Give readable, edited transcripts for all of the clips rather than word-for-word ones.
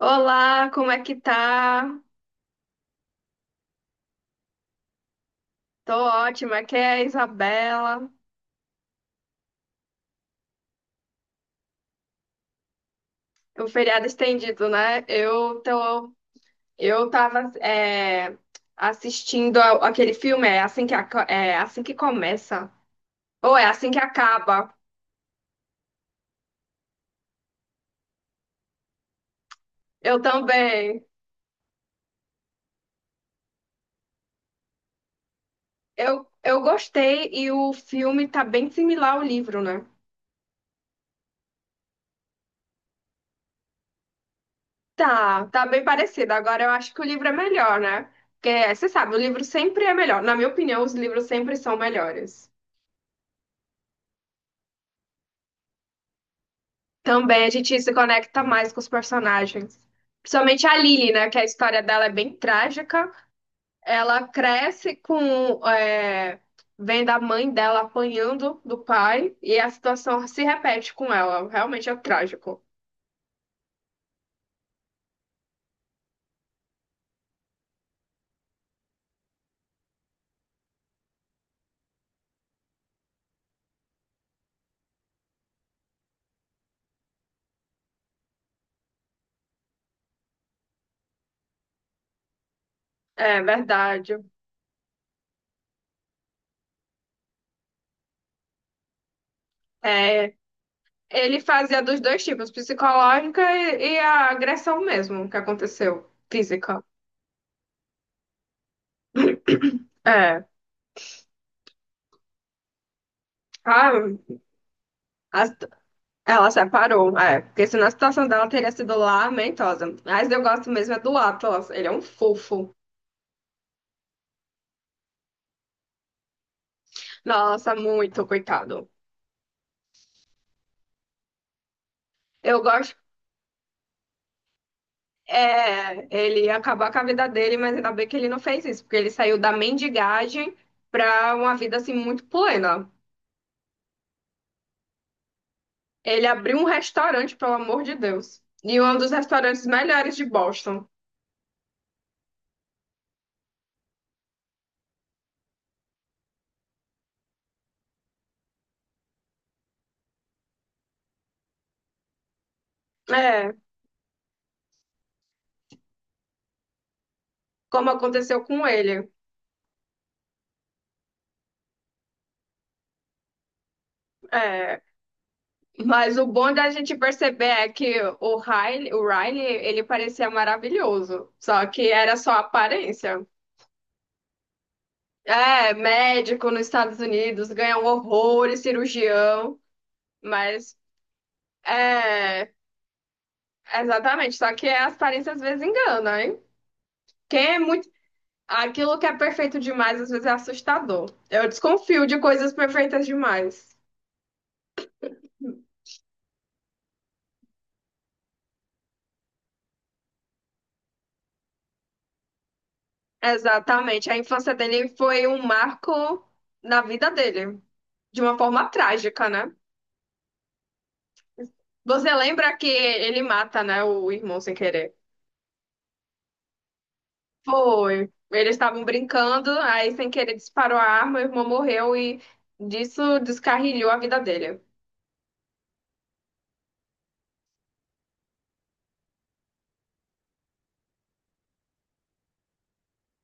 Olá, como é que tá? Tô ótima, aqui é a Isabela. O feriado estendido, né? Eu tava assistindo aquele filme, é assim que, é assim que começa, ou é assim que acaba. Eu também. Eu gostei e o filme tá bem similar ao livro, né? Tá, tá bem parecido. Agora eu acho que o livro é melhor, né? Porque você sabe, o livro sempre é melhor. Na minha opinião, os livros sempre são melhores. Também a gente se conecta mais com os personagens. Principalmente a Lily, né? Que a história dela é bem trágica. Ela cresce com vendo a mãe dela apanhando do pai. E a situação se repete com ela. Realmente é trágico. É verdade. É, ele fazia dos dois tipos. Psicológica e a agressão mesmo que aconteceu. Física. É. Ah, as- ela separou, é. Porque senão a situação dela teria sido lamentosa. Mas eu gosto mesmo é do Atlas. Ele é um fofo. Nossa, muito, coitado. Eu gosto. É, ele acabou com a vida dele, mas ainda bem que ele não fez isso, porque ele saiu da mendigagem pra uma vida assim muito plena. Ele abriu um restaurante, pelo amor de Deus. E um dos restaurantes melhores de Boston. É, como aconteceu com ele. É. Mas o bom da gente perceber é que o Riley, ele parecia maravilhoso, só que era só aparência. É, médico nos Estados Unidos, ganha um horror, cirurgião, mas é, exatamente, só que as aparências às vezes enganam, hein? Quem é muito, aquilo que é perfeito demais às vezes é assustador. Eu desconfio de coisas perfeitas demais. Exatamente, a infância dele foi um marco na vida dele, de uma forma trágica, né? Você lembra que ele mata, né, o irmão sem querer? Foi. Eles estavam brincando, aí sem querer disparou a arma, o irmão morreu e disso descarrilhou a vida dele.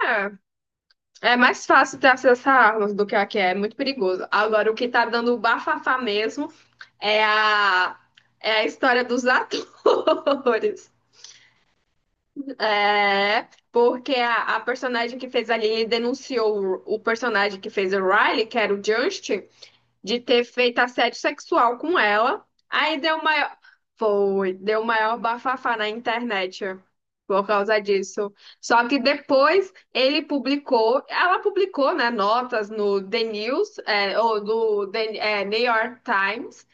É, é mais fácil ter acesso a armas do que é muito perigoso. Agora, o que tá dando o bafafá mesmo é a, é a história dos atores. É, porque a personagem que fez a Lily denunciou o personagem que fez o Riley, que era o Justin, de ter feito assédio sexual com ela. Aí deu maior. Foi, deu maior bafafá na internet por causa disso. Só que depois ela publicou, né, notas no The News, ou do The, New York Times,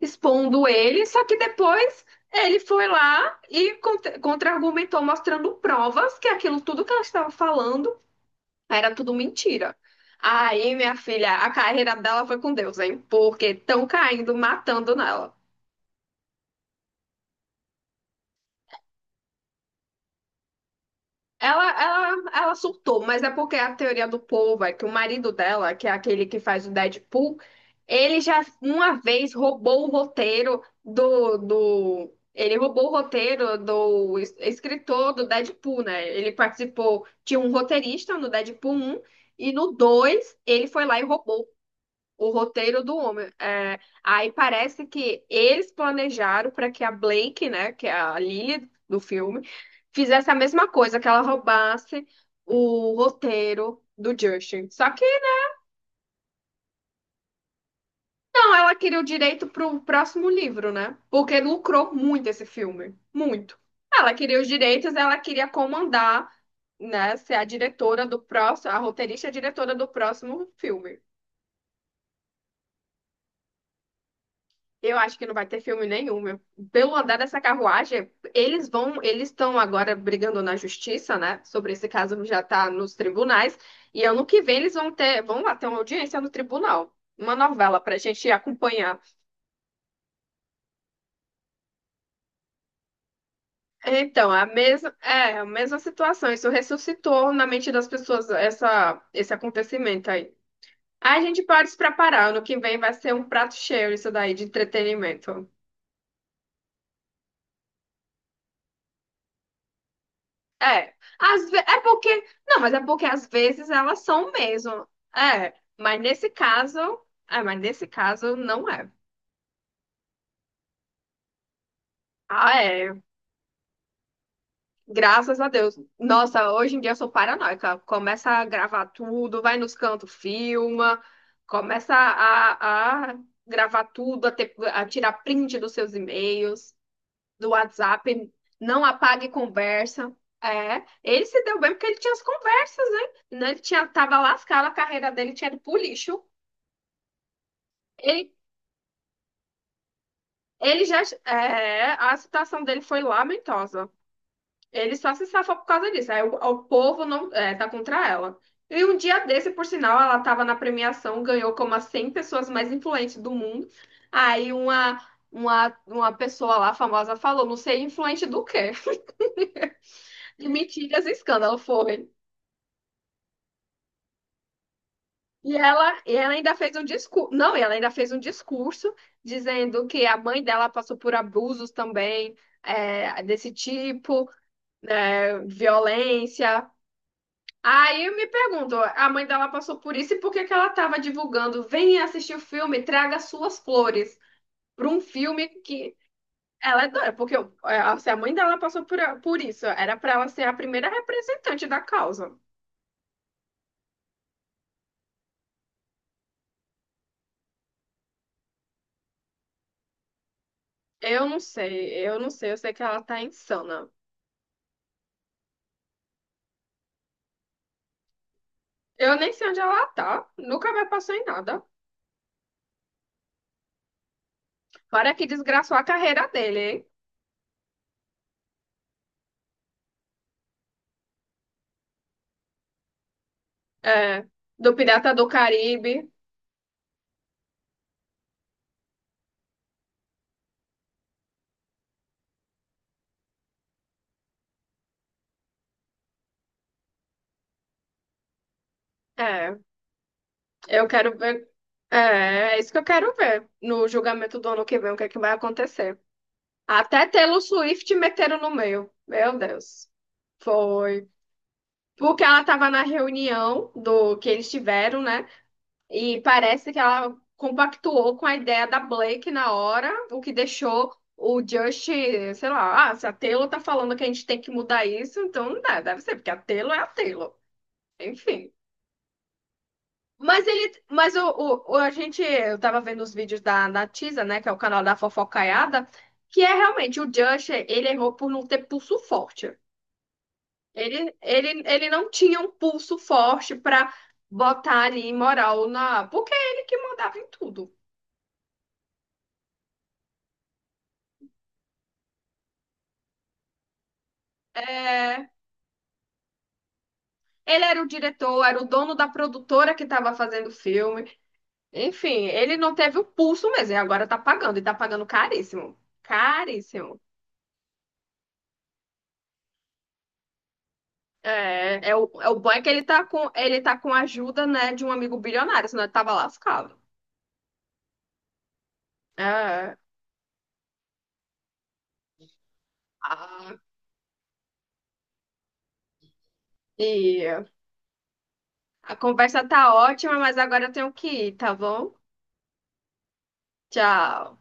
expondo ele. Só que depois ele foi lá e contra-argumentou, mostrando provas que aquilo tudo que ela estava falando era tudo mentira. Aí, minha filha, a carreira dela foi com Deus, hein? Porque estão caindo, matando nela. Ela surtou, mas é porque a teoria do povo é que o marido dela, que é aquele que faz o Deadpool, ele já uma vez roubou o roteiro. Ele roubou o roteiro do escritor do Deadpool, né? Ele participou, tinha um roteirista no Deadpool um e no 2 ele foi lá e roubou o roteiro do homem. É, aí parece que eles planejaram para que a Blake, né, que é a Lily do filme, fizesse a mesma coisa, que ela roubasse o roteiro do Justin. Só que não, ela queria o direito pro próximo livro, né? Porque lucrou muito esse filme, muito. Ela queria os direitos, ela queria comandar, né, ser a diretora do próximo, a roteirista e a diretora do próximo filme. Eu acho que não vai ter filme nenhum, meu. Pelo andar dessa carruagem, eles estão agora brigando na justiça, né? Sobre esse caso já tá nos tribunais. E ano que vem eles vão lá ter uma audiência no tribunal. Uma novela pra gente acompanhar. Então, a mesma situação. Isso ressuscitou na mente das pessoas esse acontecimento aí. A gente pode se preparar. Ano que vem vai ser um prato cheio isso daí de entretenimento. É, às ve... é porque. Não, mas é porque às vezes elas são mesmo. É, mas nesse caso. É, mas nesse caso não é. Ah, é. Graças a Deus. Nossa, hoje em dia eu sou paranoica. Começa a gravar tudo, vai nos cantos, filma, começa a gravar tudo, a tirar print dos seus e-mails. Do WhatsApp, não apague conversa. É, ele se deu bem porque ele tinha as conversas, né? Né, tava lascado, a carreira dele tinha ido pro lixo. Ele, a situação dele foi lamentosa. Ele só se safou por causa disso. Aí o povo não, tá contra ela. E um dia desse, por sinal, ela tava na premiação, ganhou como as 100 pessoas mais influentes do mundo. Aí uma pessoa lá famosa falou, não sei influente do quê? De mentiras e escândalo, foi. E ela ainda fez um discurso, não, e ela ainda fez um discurso dizendo que a mãe dela passou por abusos também, desse tipo, né, violência. Aí eu me pergunto, a mãe dela passou por isso e por que que ela estava divulgando? Venha assistir o filme, traga suas flores para um filme que ela é doida, porque se a mãe dela passou por isso, era para ela ser a primeira representante da causa. Eu não sei, eu não sei, eu sei que ela tá insana. Eu nem sei onde ela tá. Nunca me passou em nada. Para que desgraçou a carreira dele, hein? É. Do Pirata do Caribe. É. Eu quero ver. É, isso que eu quero ver. No julgamento do ano que vem, o que é que vai acontecer. Até Taylor Swift meteram no meio. Meu Deus. Foi. Porque ela tava na reunião do que eles tiveram, né? E parece que ela compactuou com a ideia da Blake na hora, o que deixou o Just, sei lá, ah, se a Taylor tá falando que a gente tem que mudar isso, então não dá, deve ser, porque a Taylor é a Taylor. Enfim. Eu tava vendo os vídeos da Natiza, né, que é o canal da Fofocaiada, que é realmente ele errou por não ter pulso forte. Ele não tinha um pulso forte pra botar ali moral na, porque é ele que mandava em tudo. É, ele era o diretor, era o dono da produtora que estava fazendo o filme. Enfim, ele não teve o pulso mesmo, e agora tá pagando, e tá pagando caríssimo. Caríssimo. É, é o bom é que ele tá com a ajuda, né, de um amigo bilionário, senão ele tava lascado. É. Ah, e a conversa tá ótima, mas agora eu tenho que ir, tá bom? Tchau.